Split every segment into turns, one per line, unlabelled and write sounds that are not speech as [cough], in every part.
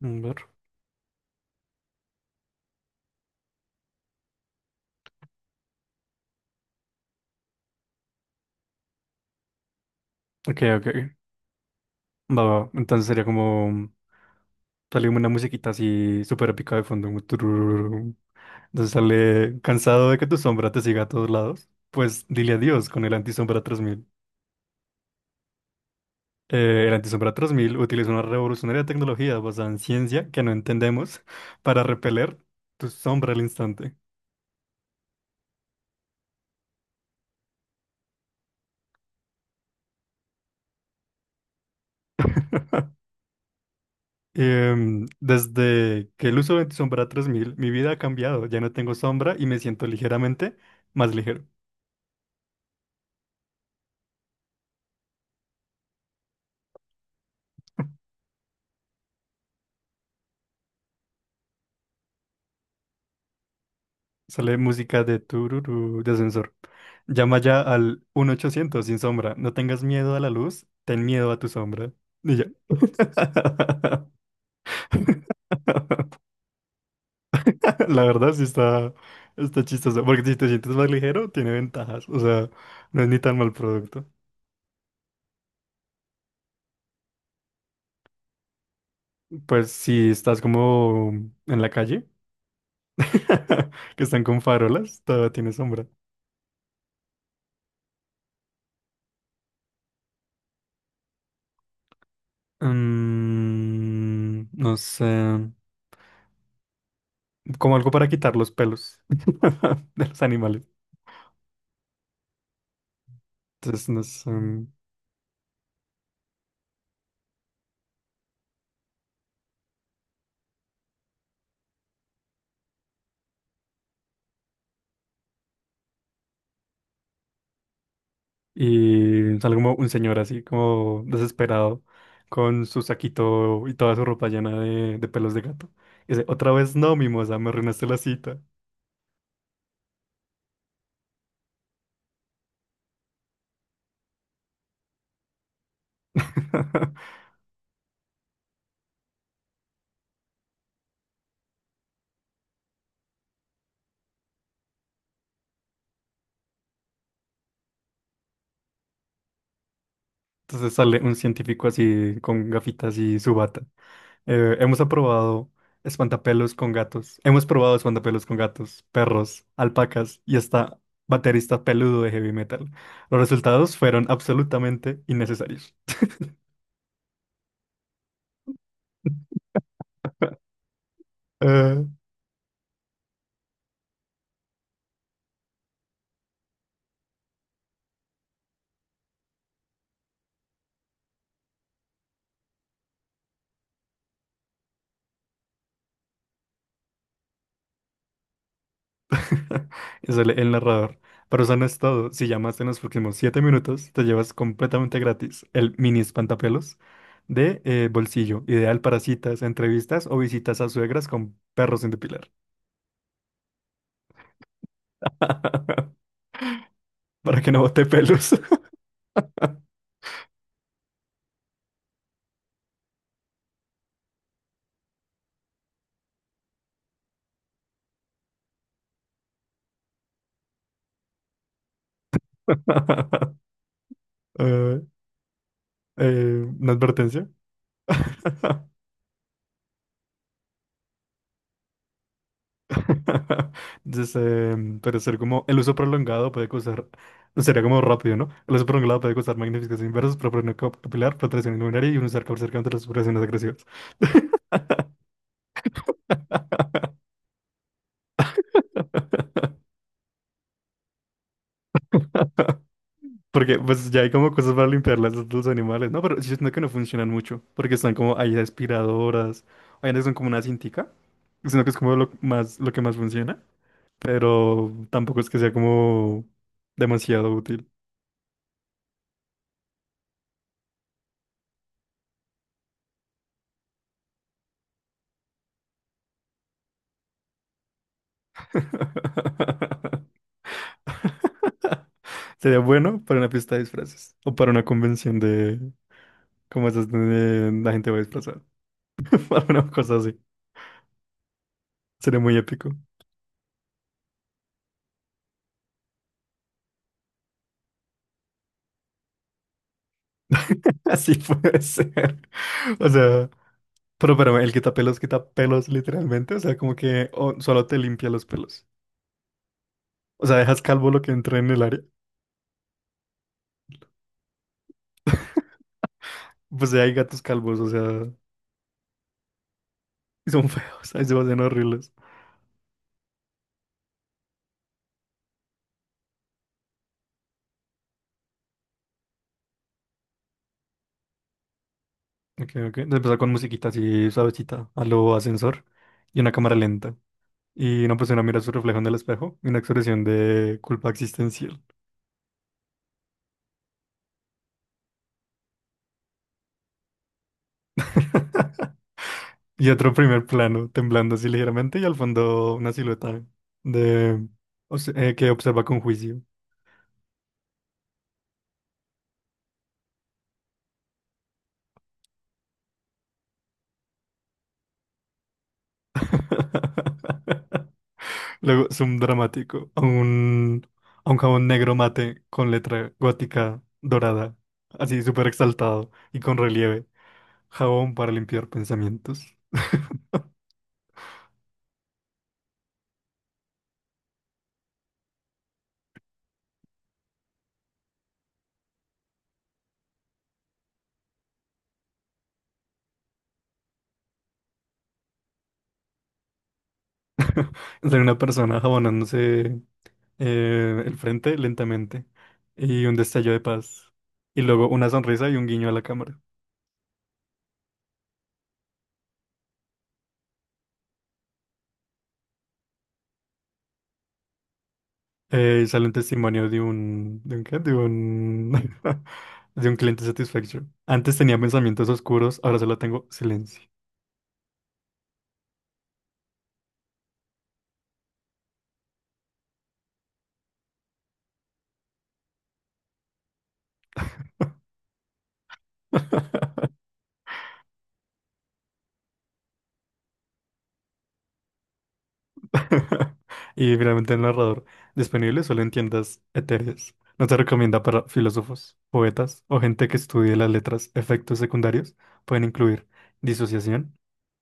Mm, ver. Ok, ok. Va, va. Entonces sería como. Sale como una musiquita así súper épica de fondo, como tururururu. Entonces sale. Cansado de que tu sombra te siga a todos lados, pues dile adiós con el antisombra 3000. El antisombra 3000 utiliza una revolucionaria tecnología basada en ciencia que no entendemos para repeler tu sombra al instante. [laughs] Desde que el uso de sombra 3000 mi vida ha cambiado. Ya no tengo sombra y me siento ligeramente más ligero. Sale música de tururú, de ascensor. Llama ya al 1-800 sin sombra. No tengas miedo a la luz, ten miedo a tu sombra. Y ya. [laughs] La verdad sí está chistoso. Porque si te sientes más ligero, tiene ventajas. O sea, no es ni tan mal producto. Pues si estás como en la calle, [laughs] que están con farolas, todavía tiene sombra. Mm, no sé. Como algo para quitar los pelos [laughs] de los animales. Entonces, no sé, y sale como un señor así, como desesperado, con su saquito y toda su ropa llena de pelos de gato. Y dice, otra vez no, mimosa, me arruinaste la cita. [laughs] Entonces sale un científico así, con gafitas y su bata. Hemos aprobado espantapelos con gatos. Hemos probado espantapelos con gatos, perros, alpacas y hasta baterista peludo de heavy metal. Los resultados fueron absolutamente innecesarios." Eh, [laughs] Es el narrador. Pero eso no es todo. Si llamaste en los próximos 7 minutos, te llevas completamente gratis el mini espantapelos de bolsillo, ideal para citas, entrevistas o visitas a suegras con perros sin depilar. [laughs] Para que no bote pelos. [laughs] Eh, una advertencia. [laughs] [laughs] Entonces, puede ser como el uso prolongado puede causar, sería como rápido, ¿no? El uso prolongado puede causar magnificación inversa, proliferación capilar, protección inmunitaria y un usar cáncer contra las operaciones agresivas. [laughs] Porque pues ya hay como cosas para limpiarlas de los animales, ¿no? Pero yo siento que no funcionan mucho, porque están como hay aspiradoras, hay unas que son como una cintica, sino que es como lo que más funciona, pero tampoco es que sea como demasiado útil. [laughs] Sería bueno para una fiesta de disfraces o para una convención de como esas donde la gente va disfrazada. [laughs] Para una cosa así. Sería muy épico. [laughs] Así puede ser. [laughs] O sea, pero el quitapelos quita pelos literalmente. O sea, como que o- solo te limpia los pelos. O sea, dejas calvo lo que entra en el área. Pues ya hay gatos calvos, o sea, y son feos, [laughs] ahí se van horribles. Ok, ok. Empezar con musiquita así suavecita, a lo ascensor y una cámara lenta. Y una persona mira su reflejo en el espejo, una expresión de culpa existencial. [laughs] Y otro primer plano, temblando así ligeramente, y al fondo una silueta de que observa con juicio. [laughs] Luego, zoom dramático, a a un jabón negro mate con letra gótica dorada, así súper exaltado y con relieve. Jabón para limpiar pensamientos. [laughs] Sale una persona jabonándose el frente lentamente y un destello de paz. Y luego una sonrisa y un guiño a la cámara. Y sale un testimonio de un... ¿De un qué? De un... [laughs] de un cliente satisfecho. Antes tenía pensamientos oscuros, ahora solo tengo silencio. [laughs] Y finalmente el narrador. Disponible solo en tiendas etéreas. No se recomienda para filósofos, poetas o gente que estudie las letras. Efectos secundarios pueden incluir disociación,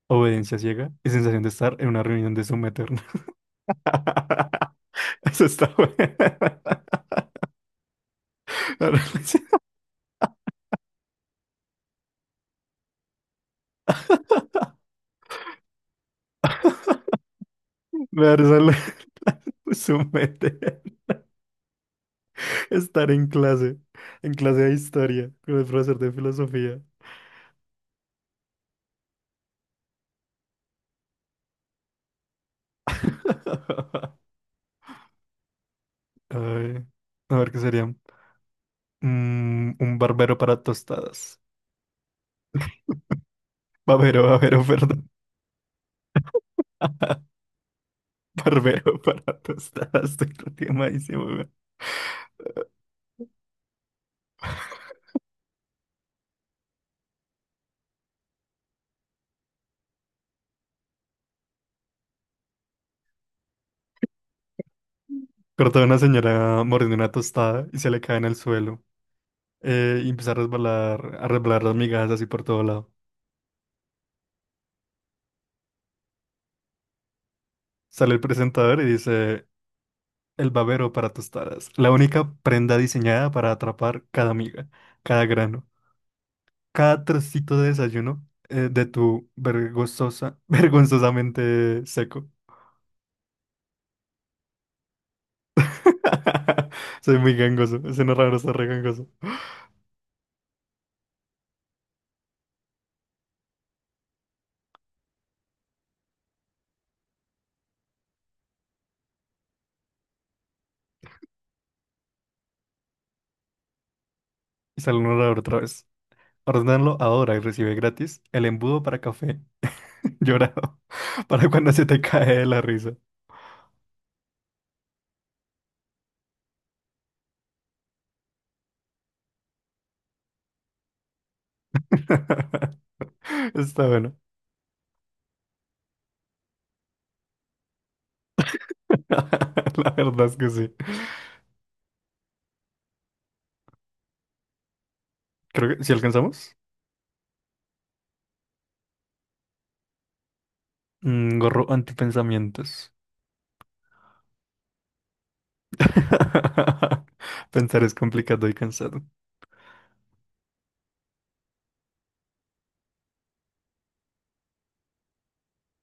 obediencia ciega y sensación de estar en una reunión de Zoom eterna. [laughs] Eso está bueno. [laughs] Me da risa lo- [laughs] Zoom eterno. Estar en clase de historia, con el profesor de filosofía. [laughs] Ay, a ver qué sería. Mm, un barbero para tostadas. Barbero, barbero, [laughs] perdón. Barbero para tostadas. Estoy rotimadísimo, weón. Cortó a una señora mordiendo una tostada y se le cae en el suelo, y empieza a resbalar las migajas así por todo lado. Sale el presentador y dice, el babero para tostadas, la única prenda diseñada para atrapar cada miga, cada grano, cada trocito de desayuno de [laughs] vergonzosamente seco. [laughs] Soy muy gangoso, ese narrador está re gangoso. Y sale un narrador otra vez. Ordenarlo ahora y recibe gratis el embudo para café [laughs] llorado, para cuando se te cae de la risa. [laughs] Está bueno. [laughs] La verdad es que sí. Creo que si alcanzamos. Mm, gorro antipensamientos. [laughs] Pensar es complicado y cansado.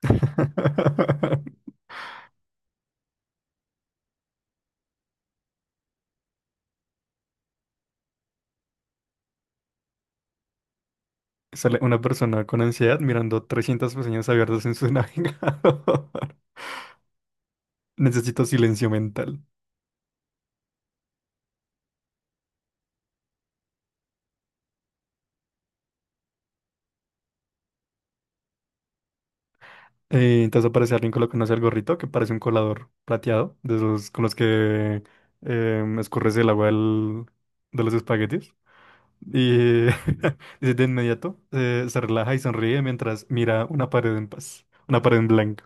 [laughs] Sale una persona con ansiedad mirando 300 pestañas abiertas en su [laughs] navegador. Necesito silencio mental. Entonces aparece alguien colocándose el gorrito que parece un colador plateado, de esos con los que escurres el agua del- de los espaguetis. Y [laughs] dice, de inmediato se relaja y sonríe mientras mira una pared en paz, una pared en blanco.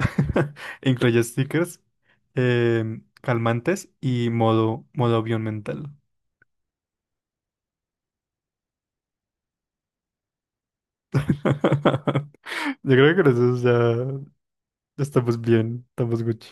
[laughs] Incluye stickers, calmantes y modo avión mental. [laughs] Yo creo que con eso ya ya estamos bien, estamos Gucci.